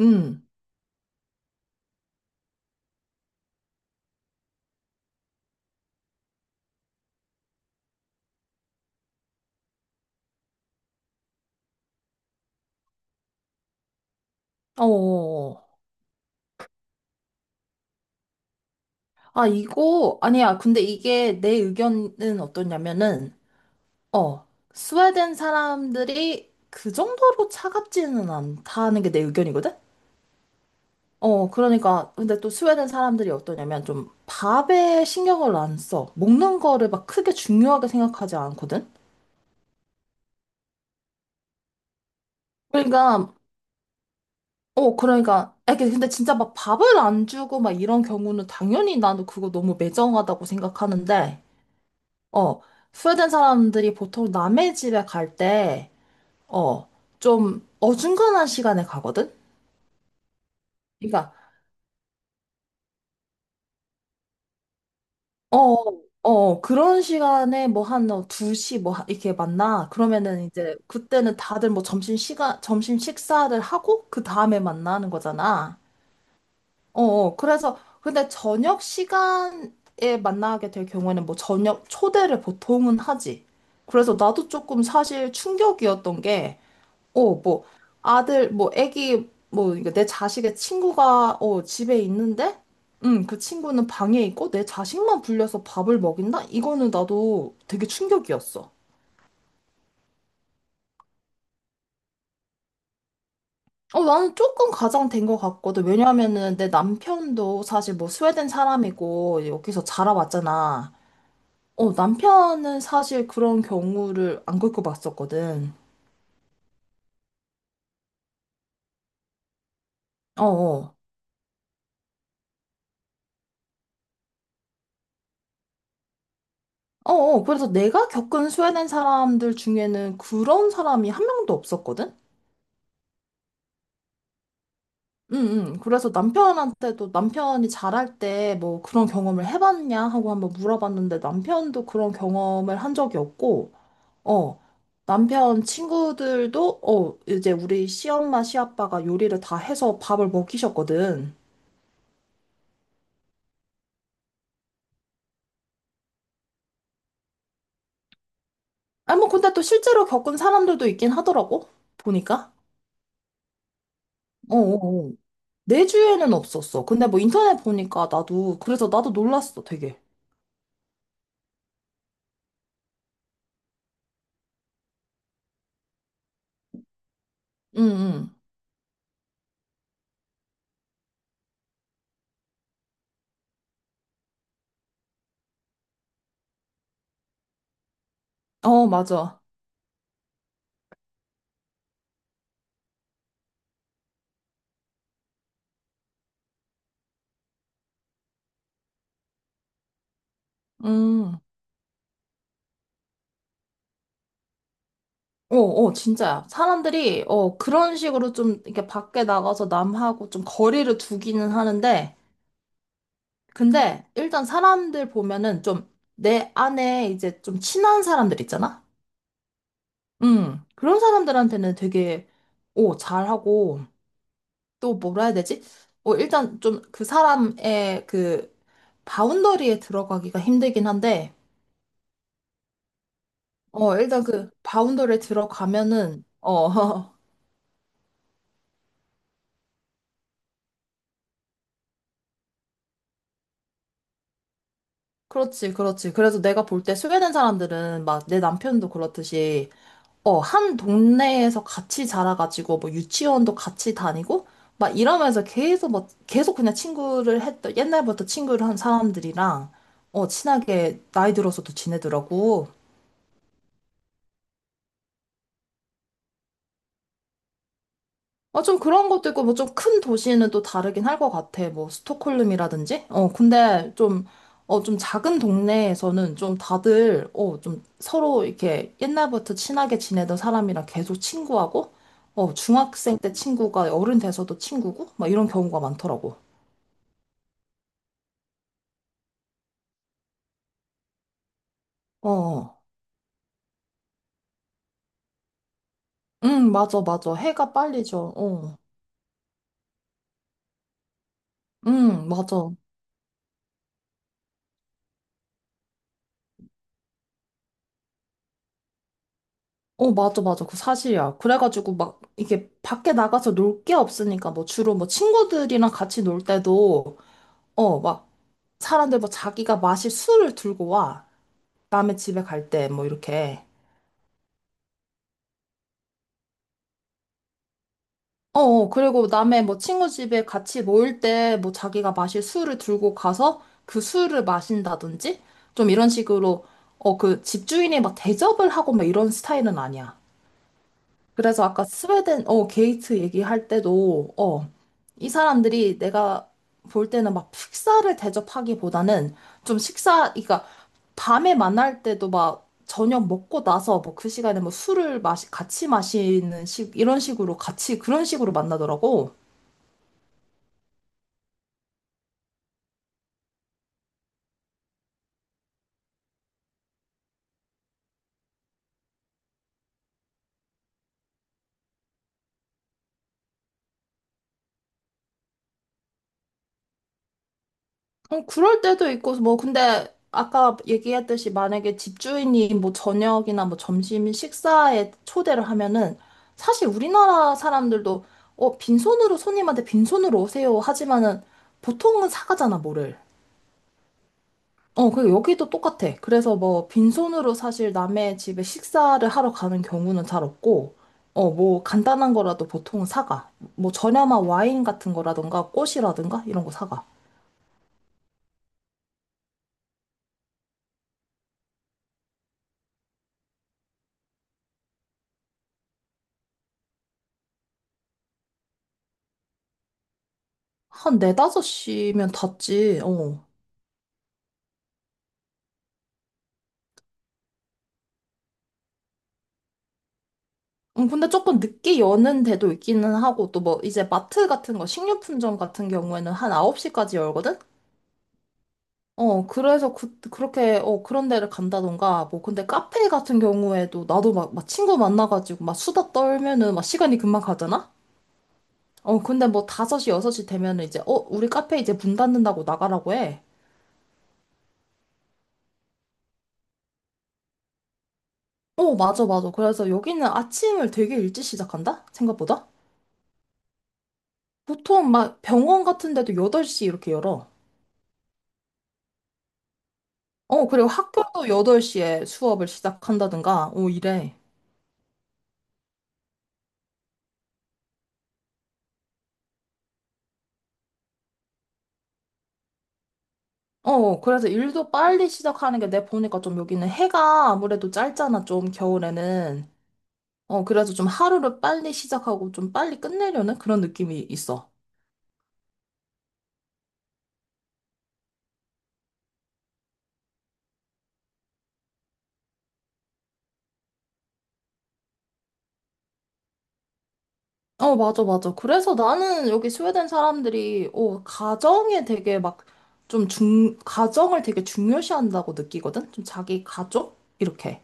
음. 어어어. 아, 이거, 아니야. 근데 이게 내 의견은 어떠냐면은, 어, 스웨덴 사람들이 그 정도로 차갑지는 않다는 게 내 의견이거든? 그러니까, 근데 또 스웨덴 사람들이 어떠냐면 좀 밥에 신경을 안 써. 먹는 거를 막 크게 중요하게 생각하지 않거든? 그러니까, 그러니까, 아, 이게 근데 진짜 막 밥을 안 주고 막 이런 경우는 당연히 나는 그거 너무 매정하다고 생각하는데, 어, 스웨덴 사람들이 보통 남의 집에 갈 때, 어, 좀 어중간한 시간에 가거든? 그러니까, 그런 시간에 뭐한 2시 이렇게 만나. 그러면은 이제 그때는 다들 뭐 점심 시간, 점심 식사를 하고 그 다음에 만나는 거잖아. 그래서 근데 저녁 시간에 만나게 될 경우에는 뭐 저녁 초대를 보통은 하지. 그래서 나도 조금 사실 충격이었던 게 뭐, 아들, 뭐, 애기, 뭐, 그러니까 내 자식의 친구가, 집에 있는데, 그 친구는 방에 있고, 내 자식만 불려서 밥을 먹인다? 이거는 나도 되게 충격이었어. 나는 조금 가장된 것 같거든. 왜냐하면은 내 남편도 사실 뭐 스웨덴 사람이고, 여기서 자라왔잖아. 남편은 사실 그런 경우를 안 겪어봤었거든. 어, 어. 어, 어. 그래서 내가 겪은 스웨덴 사람들 중에는 그런 사람이 한 명도 없었거든? 응, 응. 그래서 남편한테도 남편이 잘할 때 뭐 그런 경험을 해봤냐 하고 한번 물어봤는데 남편도 그런 경험을 한 적이 없고, 어, 남편 친구들도, 이제 우리 시엄마, 시아빠가 요리를 다 해서 밥을 먹이셨거든. 아니, 뭐 근데 또 실제로 겪은 사람들도 있긴 하더라고, 보니까. 어, 어, 어. 내 주위에는 없었어. 근데 뭐 인터넷 보니까 나도, 그래서 나도 놀랐어, 되게. 응, 응. 어, 맞아. 음. 어, 어, 진짜야. 사람들이, 그런 식으로 좀, 이렇게 밖에 나가서 남하고 좀 거리를 두기는 하는데, 근데 일단 사람들 보면은 좀 내 안에 이제 좀 친한 사람들 있잖아? 그런 사람들한테는 되게, 잘하고, 또 뭐라 해야 되지? 일단 좀 그 사람의 그 바운더리에 들어가기가 힘들긴 한데, 일단 그 바운더리에 들어가면은, 그렇지, 그렇지. 그래서 내가 볼 때소개된 사람들은 막 내 남편도 그렇듯이, 한 동네에서 같이 자라가지고, 뭐 유치원도 같이 다니고, 막 이러면서 계속 막, 계속 그냥 친구를 했던, 옛날부터 친구를 한 사람들이랑, 친하게 나이 들어서도 지내더라고. 아, 좀 그런 것도 있고, 뭐 좀 큰 도시는 또 다르긴 할 것 같아. 뭐, 스톡홀름이라든지? 근데 좀, 좀 작은 동네에서는 좀 다들, 좀 서로 이렇게 옛날부터 친하게 지내던 사람이랑 계속 친구하고, 중학생 때 친구가 어른 돼서도 친구고, 막 이런 경우가 많더라고. 어, 어. 응, 맞아, 맞아. 해가 빨리 져. 어, 응, 맞아. 어, 맞아, 맞아. 그 사실이야. 그래가지고 막 이게 밖에 나가서 놀 게 없으니까 뭐 주로 뭐 친구들이랑 같이 놀 때도 막, 사람들 뭐 자기가 마실 술을 들고 와. 남의 집에 갈 때, 뭐, 이렇게. 그리고 남의 뭐 친구 집에 같이 모일 때, 뭐 자기가 마실 술을 들고 가서 그 술을 마신다든지? 좀 이런 식으로, 그 집주인이 막 대접을 하고 막 이런 스타일은 아니야. 그래서 아까 스웨덴, 게이트 얘기할 때도, 이 사람들이 내가 볼 때는 막 식사를 대접하기보다는 좀 식사, 그러니까 밤에 만날 때도 막 저녁 먹고 나서 뭐 그 시간에 뭐 술을 마시, 같이 마시는 식, 이런 식으로 같이 그런 식으로 만나더라고. 그럴 때도 있고, 뭐, 근데 아까 얘기했듯이 만약에 집주인이 뭐 저녁이나 뭐 점심 식사에 초대를 하면은 사실 우리나라 사람들도 빈손으로 손님한테 빈손으로 오세요 하지만은 보통은 사가잖아, 뭐를. 그 여기도 똑같아. 그래서 뭐 빈손으로 사실 남의 집에 식사를 하러 가는 경우는 잘 없고, 뭐 간단한 거라도 보통은 사가. 뭐 저렴한 와인 같은 거라든가 꽃이라든가 이런 거 사가. 한 네다섯 시면 닫지, 어. 근데 조금 늦게 여는 데도 있기는 하고, 또 뭐, 이제 마트 같은 거, 식료품점 같은 경우에는 한 9시까지 열거든? 그래서 그렇게, 그런 데를 간다던가, 뭐, 근데 카페 같은 경우에도 나도 막, 막 친구 만나가지고 막 수다 떨면은 막 시간이 금방 가잖아? 근데 뭐 5시, 6시 되면은 이제, 우리 카페 이제 문 닫는다고 나가라고 해. 어, 맞아, 맞아. 그래서 여기는 아침을 되게 일찍 시작한다? 생각보다? 보통 막 병원 같은 데도 8시 이렇게 열어. 그리고 학교도 8시에 수업을 시작한다든가, 오, 이래. 그래서 일도 빨리 시작하는 게 내 보니까 좀 여기는 해가 아무래도 짧잖아, 좀 겨울에는. 그래서 좀 하루를 빨리 시작하고 좀 빨리 끝내려는 그런 느낌이 있어. 어, 맞아, 맞아. 그래서 나는 여기 스웨덴 사람들이, 가정에 되게 막 좀 가정을 되게 중요시한다고 느끼거든? 좀 자기 가족? 이렇게.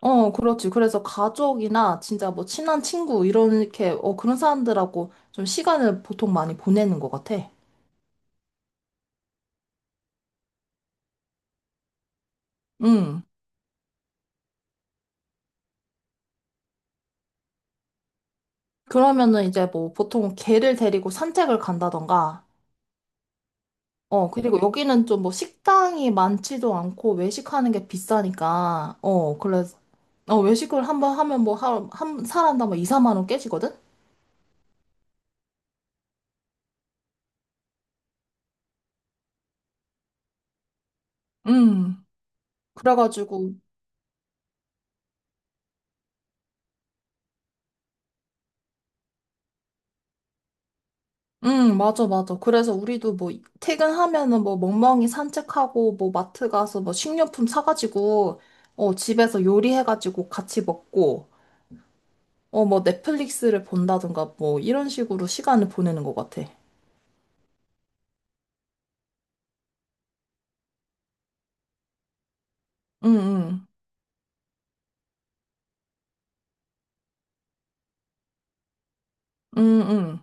그렇지. 그래서 가족이나 진짜 뭐 친한 친구, 이런, 이렇게, 그런 사람들하고 좀 시간을 보통 많이 보내는 것 같아. 음. 그러면은 이제 뭐 보통 개를 데리고 산책을 간다던가, 그리고 여기는 좀 뭐 식당이 많지도 않고 외식하는 게 비싸니까, 그래서, 외식을 한번 하면 뭐, 한 사람당 뭐 2, 3만 원 깨지거든? 음. 그래가지고, 응, 맞아, 맞아. 그래서 우리도 뭐, 퇴근하면은 뭐, 멍멍이 산책하고, 뭐, 마트 가서 뭐, 식료품 사가지고, 집에서 요리해가지고 같이 먹고, 뭐, 넷플릭스를 본다든가, 뭐, 이런 식으로 시간을 보내는 것 같아. 응, 응, 응, 응, 응.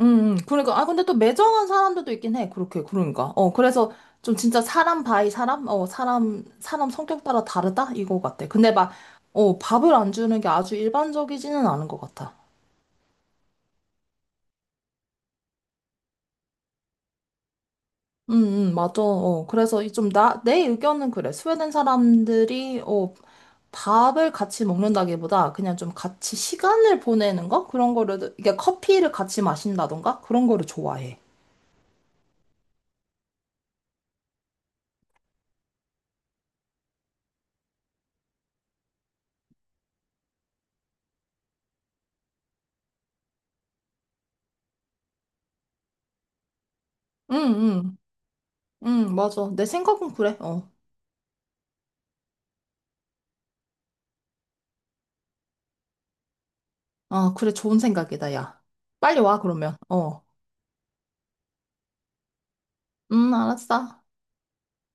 응. 그러니까, 아, 근데 또 매정한 사람들도 있긴 해. 그렇게, 그러니까. 그래서 좀 진짜 사람 바이 사람? 사람, 사람 성격 따라 다르다? 이거 같아. 근데 막, 밥을 안 주는 게 아주 일반적이지는 않은 것 같아. 맞아. 그래서 이 좀 내 의견은 그래. 스웨덴 사람들이, 밥을 같이 먹는다기보다 그냥 좀 같이 시간을 보내는 거? 그런 거를, 이게 커피를 같이 마신다던가? 그런 거를 좋아해. 응, 응, 응, 맞아. 내 생각은 그래. 어. 아, 그래. 좋은 생각이다, 야. 빨리 와, 그러면. 어. 알았어.